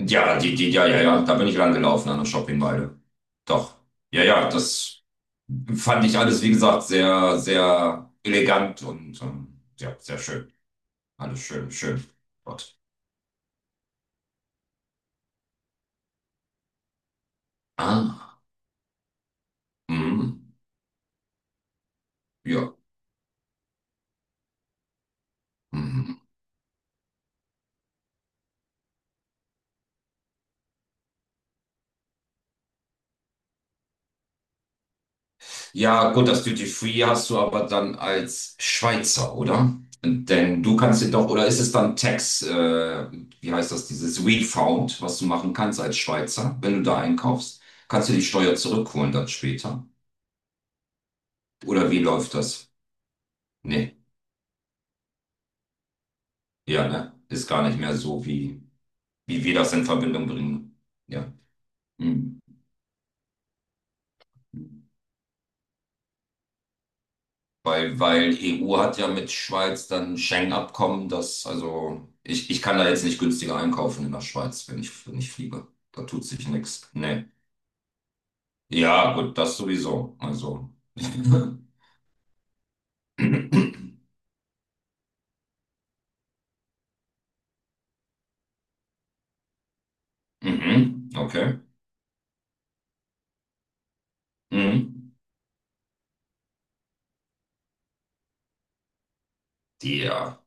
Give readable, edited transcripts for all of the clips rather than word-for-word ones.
Ja, die, ja, ja, ja, da bin ich lang gelaufen an der Shoppingmeile. Doch. Ja, ja, das fand ich alles, wie gesagt, sehr, sehr elegant und ja, sehr schön. Alles schön, schön. Gott. Ah, mhm. Ja. Mhm. Ja, gut, das Duty Free hast du aber dann als Schweizer, oder? Denn du kannst dir doch, oder ist es dann Tax, wie heißt das, dieses Refund, was du machen kannst als Schweizer, wenn du da einkaufst? Kannst du die Steuer zurückholen dann später? Oder wie läuft das? Nee, ja, ne? Ist gar nicht mehr so, wie wir das in Verbindung bringen. Ja. Hm. Weil EU hat ja mit Schweiz dann Schengen-Abkommen, das, also ich kann da jetzt nicht günstiger einkaufen in der Schweiz, wenn ich fliege. Da tut sich nichts. Nee. Ja, gut, das sowieso. Also. Mhm, okay. Mhm. Ja,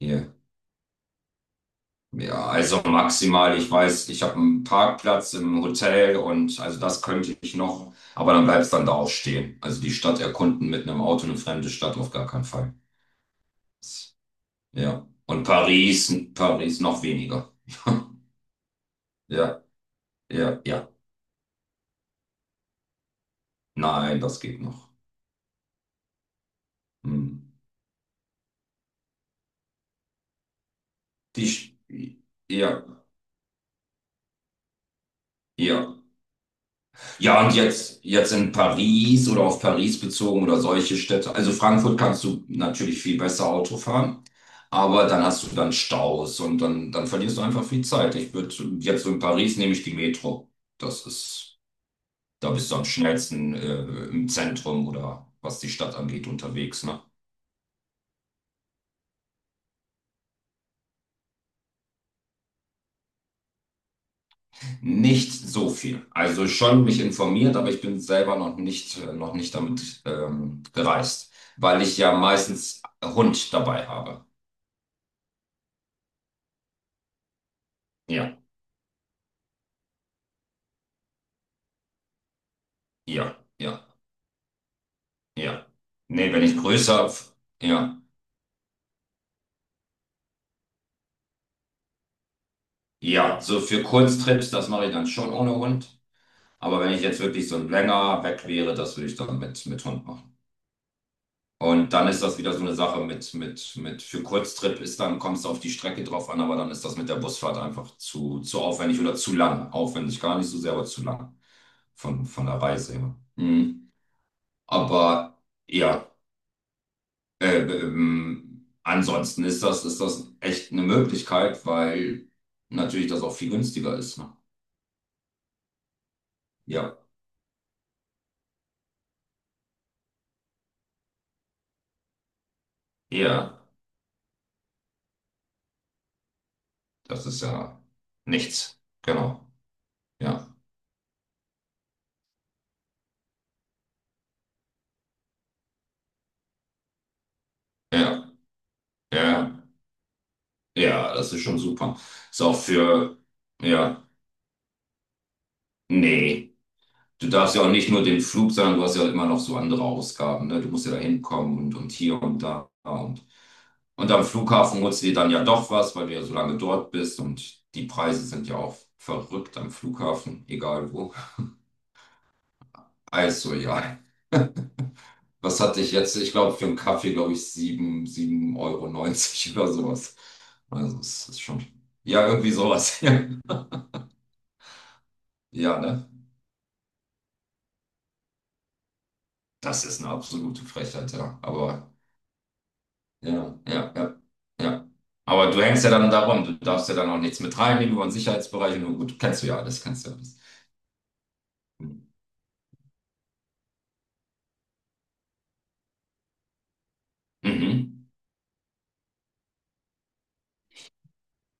ja. Ja, also maximal, ich weiß, ich habe einen Parkplatz im Hotel und also das könnte ich noch, aber dann bleibst dann da auch stehen. Also die Stadt erkunden mit einem Auto, eine fremde Stadt auf gar keinen Fall. Ja. Und Paris, Paris noch weniger. Ja, ja, ja. Nein, das geht noch. Hm. Die, Sch- ja, ja. Ja, und jetzt, jetzt in Paris oder auf Paris bezogen oder solche Städte. Also Frankfurt kannst du natürlich viel besser Auto fahren, aber dann hast du dann Staus und dann, dann verlierst du einfach viel Zeit. Ich würde jetzt so in Paris nehme ich die Metro. Das ist, da bist du am schnellsten im Zentrum oder was die Stadt angeht unterwegs, ne? Nicht so viel. Also schon mich informiert, aber ich bin selber noch nicht damit gereist, weil ich ja meistens Hund dabei habe. Ja. Ja, ja, ja. Nee, wenn ich größer, ja, ja, so für Kurztrips, das mache ich dann schon ohne Hund. Aber wenn ich jetzt wirklich so ein länger weg wäre, das würde ich dann mit Hund machen. Und dann ist das wieder so eine Sache mit, für Kurztrip ist dann, kommst du auf die Strecke drauf an, aber dann ist das mit der Busfahrt einfach zu aufwendig oder zu lang. Aufwendig gar nicht so sehr, aber zu lang von der Reise her. Mhm. Aber ja. Ansonsten ist das echt eine Möglichkeit, weil natürlich das auch viel günstiger ist. Ne? Ja. Ja, das ist ja nichts. Genau. Ja. Ja. Ja. Ja, das ist schon super. Ist auch für, ja, nee. Du darfst ja auch nicht nur den Flug, sondern du hast ja immer noch so andere Ausgaben. Ne? Du musst ja da hinkommen und hier und da. Und am Flughafen holst du dir dann ja doch was, weil du ja so lange dort bist. Und die Preise sind ja auch verrückt am Flughafen, egal wo. Also ja, was hatte ich jetzt? Ich glaube, für einen Kaffee, glaube ich, sieben Euro neunzig oder sowas. Also es ist schon, ja, irgendwie sowas. Ja, ne? Das ist eine absolute Frechheit, ja. Aber ja, ja, ja, ja. Aber du hängst ja dann darum, du darfst ja dann auch nichts mit reinnehmen über den Sicherheitsbereich. Nur gut, kennst du ja alles, kennst du ja alles. Mhm.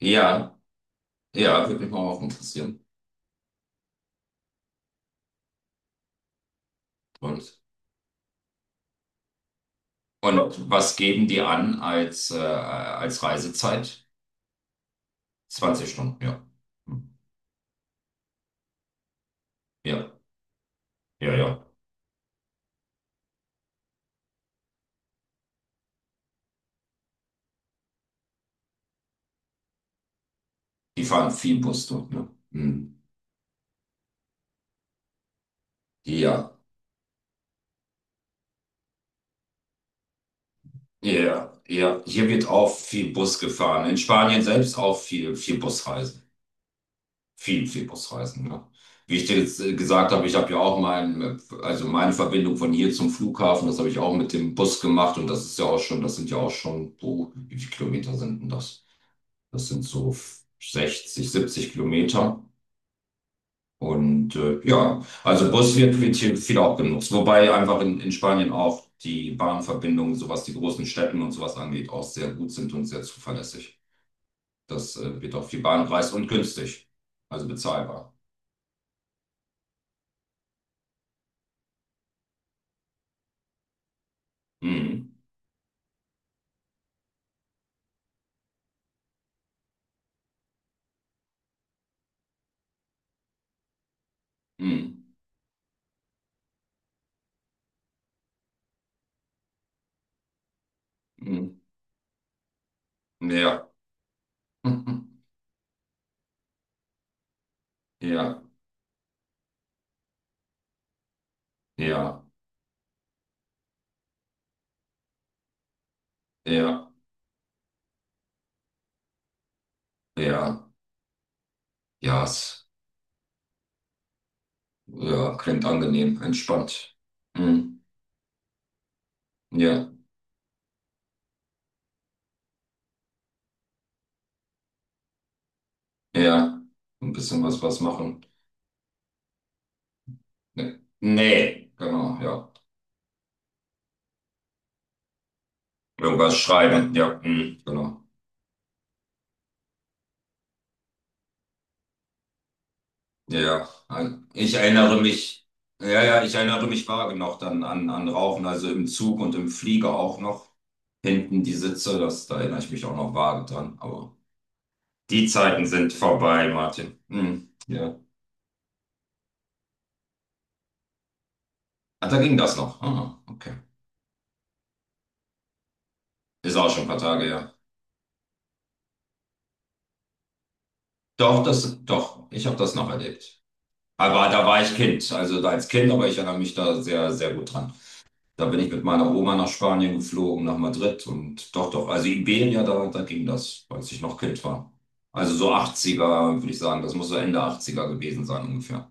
Ja, ja, würde mich mal auch interessieren. Und, und was geben die an als, als Reisezeit? 20 Stunden, ja. Hm. Ja, ja, ja. Die fahren viel Bus dort, ne? Mhm. Ja, ja, ja. Hier wird auch viel Bus gefahren. In Spanien selbst auch viel, viel Busreisen. Viel, viel Busreisen. Ne? Wie ich dir jetzt gesagt habe, ich habe ja auch also meine Verbindung von hier zum Flughafen, das habe ich auch mit dem Bus gemacht und das ist ja auch schon, das sind ja auch schon, oh, wie viele Kilometer sind denn das? Das sind so 60, 70 Kilometer. Und ja, also Bus wird, wird hier viel auch genutzt. Wobei einfach in Spanien auch die Bahnverbindungen, so was die großen Städten und sowas angeht, auch sehr gut sind und sehr zuverlässig. Das wird auch viel Bahn gereist und günstig, also bezahlbar. Mhm. Mhm. Hm, ja, ja, ja, ja, ja, ja, ja, klingt angenehm, entspannt. Hm, ja, ja, ein bisschen was, was machen. Nee, nee, genau, ja. Irgendwas schreiben, ja, hm, genau. Ja, ich erinnere mich, ja, ja, ich erinnere mich vage noch dann an Rauchen, also im Zug und im Flieger auch noch. Hinten die Sitze, da erinnere ich mich auch noch vage dran, aber die Zeiten sind vorbei, Martin. Hm, ja. Ah, da ging das noch. Ah, okay. Ist auch schon ein paar Tage ja. Doch, doch, ich habe das noch erlebt. Aber da war ich Kind, also da als Kind, aber ich erinnere mich da sehr, sehr gut dran. Da bin ich mit meiner Oma nach Spanien geflogen, nach Madrid und doch, doch, also Iberia, da ging das, als ich noch Kind war. Also so 80er würde ich sagen, das muss so Ende 80er gewesen sein ungefähr.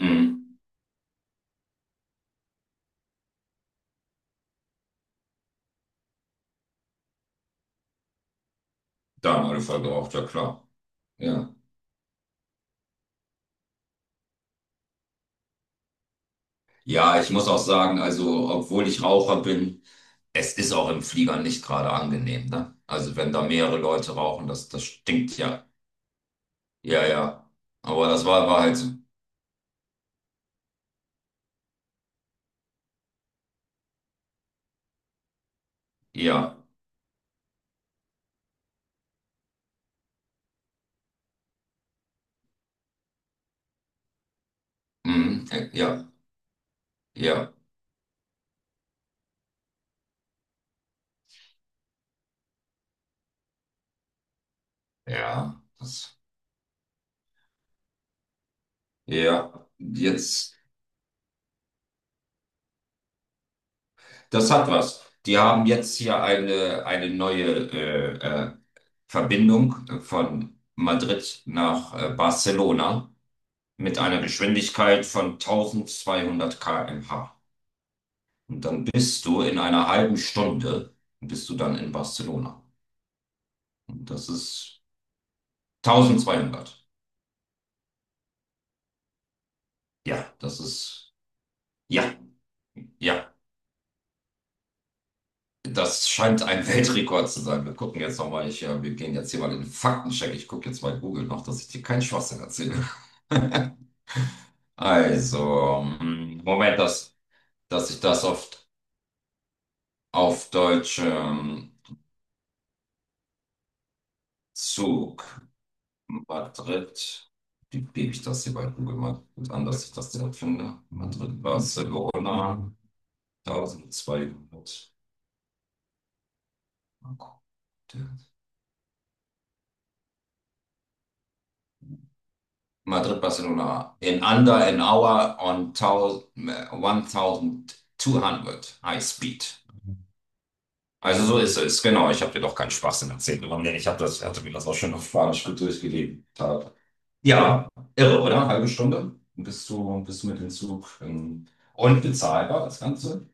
Mhm. Da haben alle voll geraucht, ja klar. Ja. Ja, ich muss auch sagen, also obwohl ich Raucher bin, es ist auch im Flieger nicht gerade angenehm, ne? Also wenn da mehrere Leute rauchen, das, das stinkt ja. Ja, ja. Aber das war, war halt so. Ja. Mhm. Ja, ja, ja. Das, ja. Jetzt, das hat was. Die haben jetzt hier eine neue äh, Verbindung von Madrid nach Barcelona mit einer Geschwindigkeit von 1200 km/h. Und dann bist du in einer halben Stunde, bist du dann in Barcelona. Und das ist 1200. Ja, das ist, ja, ja. Das scheint ein Weltrekord zu sein. Wir gucken jetzt nochmal, wir gehen jetzt hier mal in den Faktencheck. Ich gucke jetzt bei Google noch, dass ich dir keinen Schwachsinn erzähle. Also, Moment, dass, dass ich das auf Deutsch Zug. Madrid. Wie gebe ich das hier bei Google mal gut an, dass ich das direkt finde? Madrid, Barcelona, 1200. Mal gucken. Madrid, Barcelona. In under an hour on 1000, High Speed. Also so ist es, genau. Ich habe dir doch keinen Spaß in erzählt. Ich hab hatte mir das auch schon auf Spanisch gut durchgelesen. Ja, irre, oder? Halbe Stunde bist du mit dem Zug und bezahlbar, das Ganze.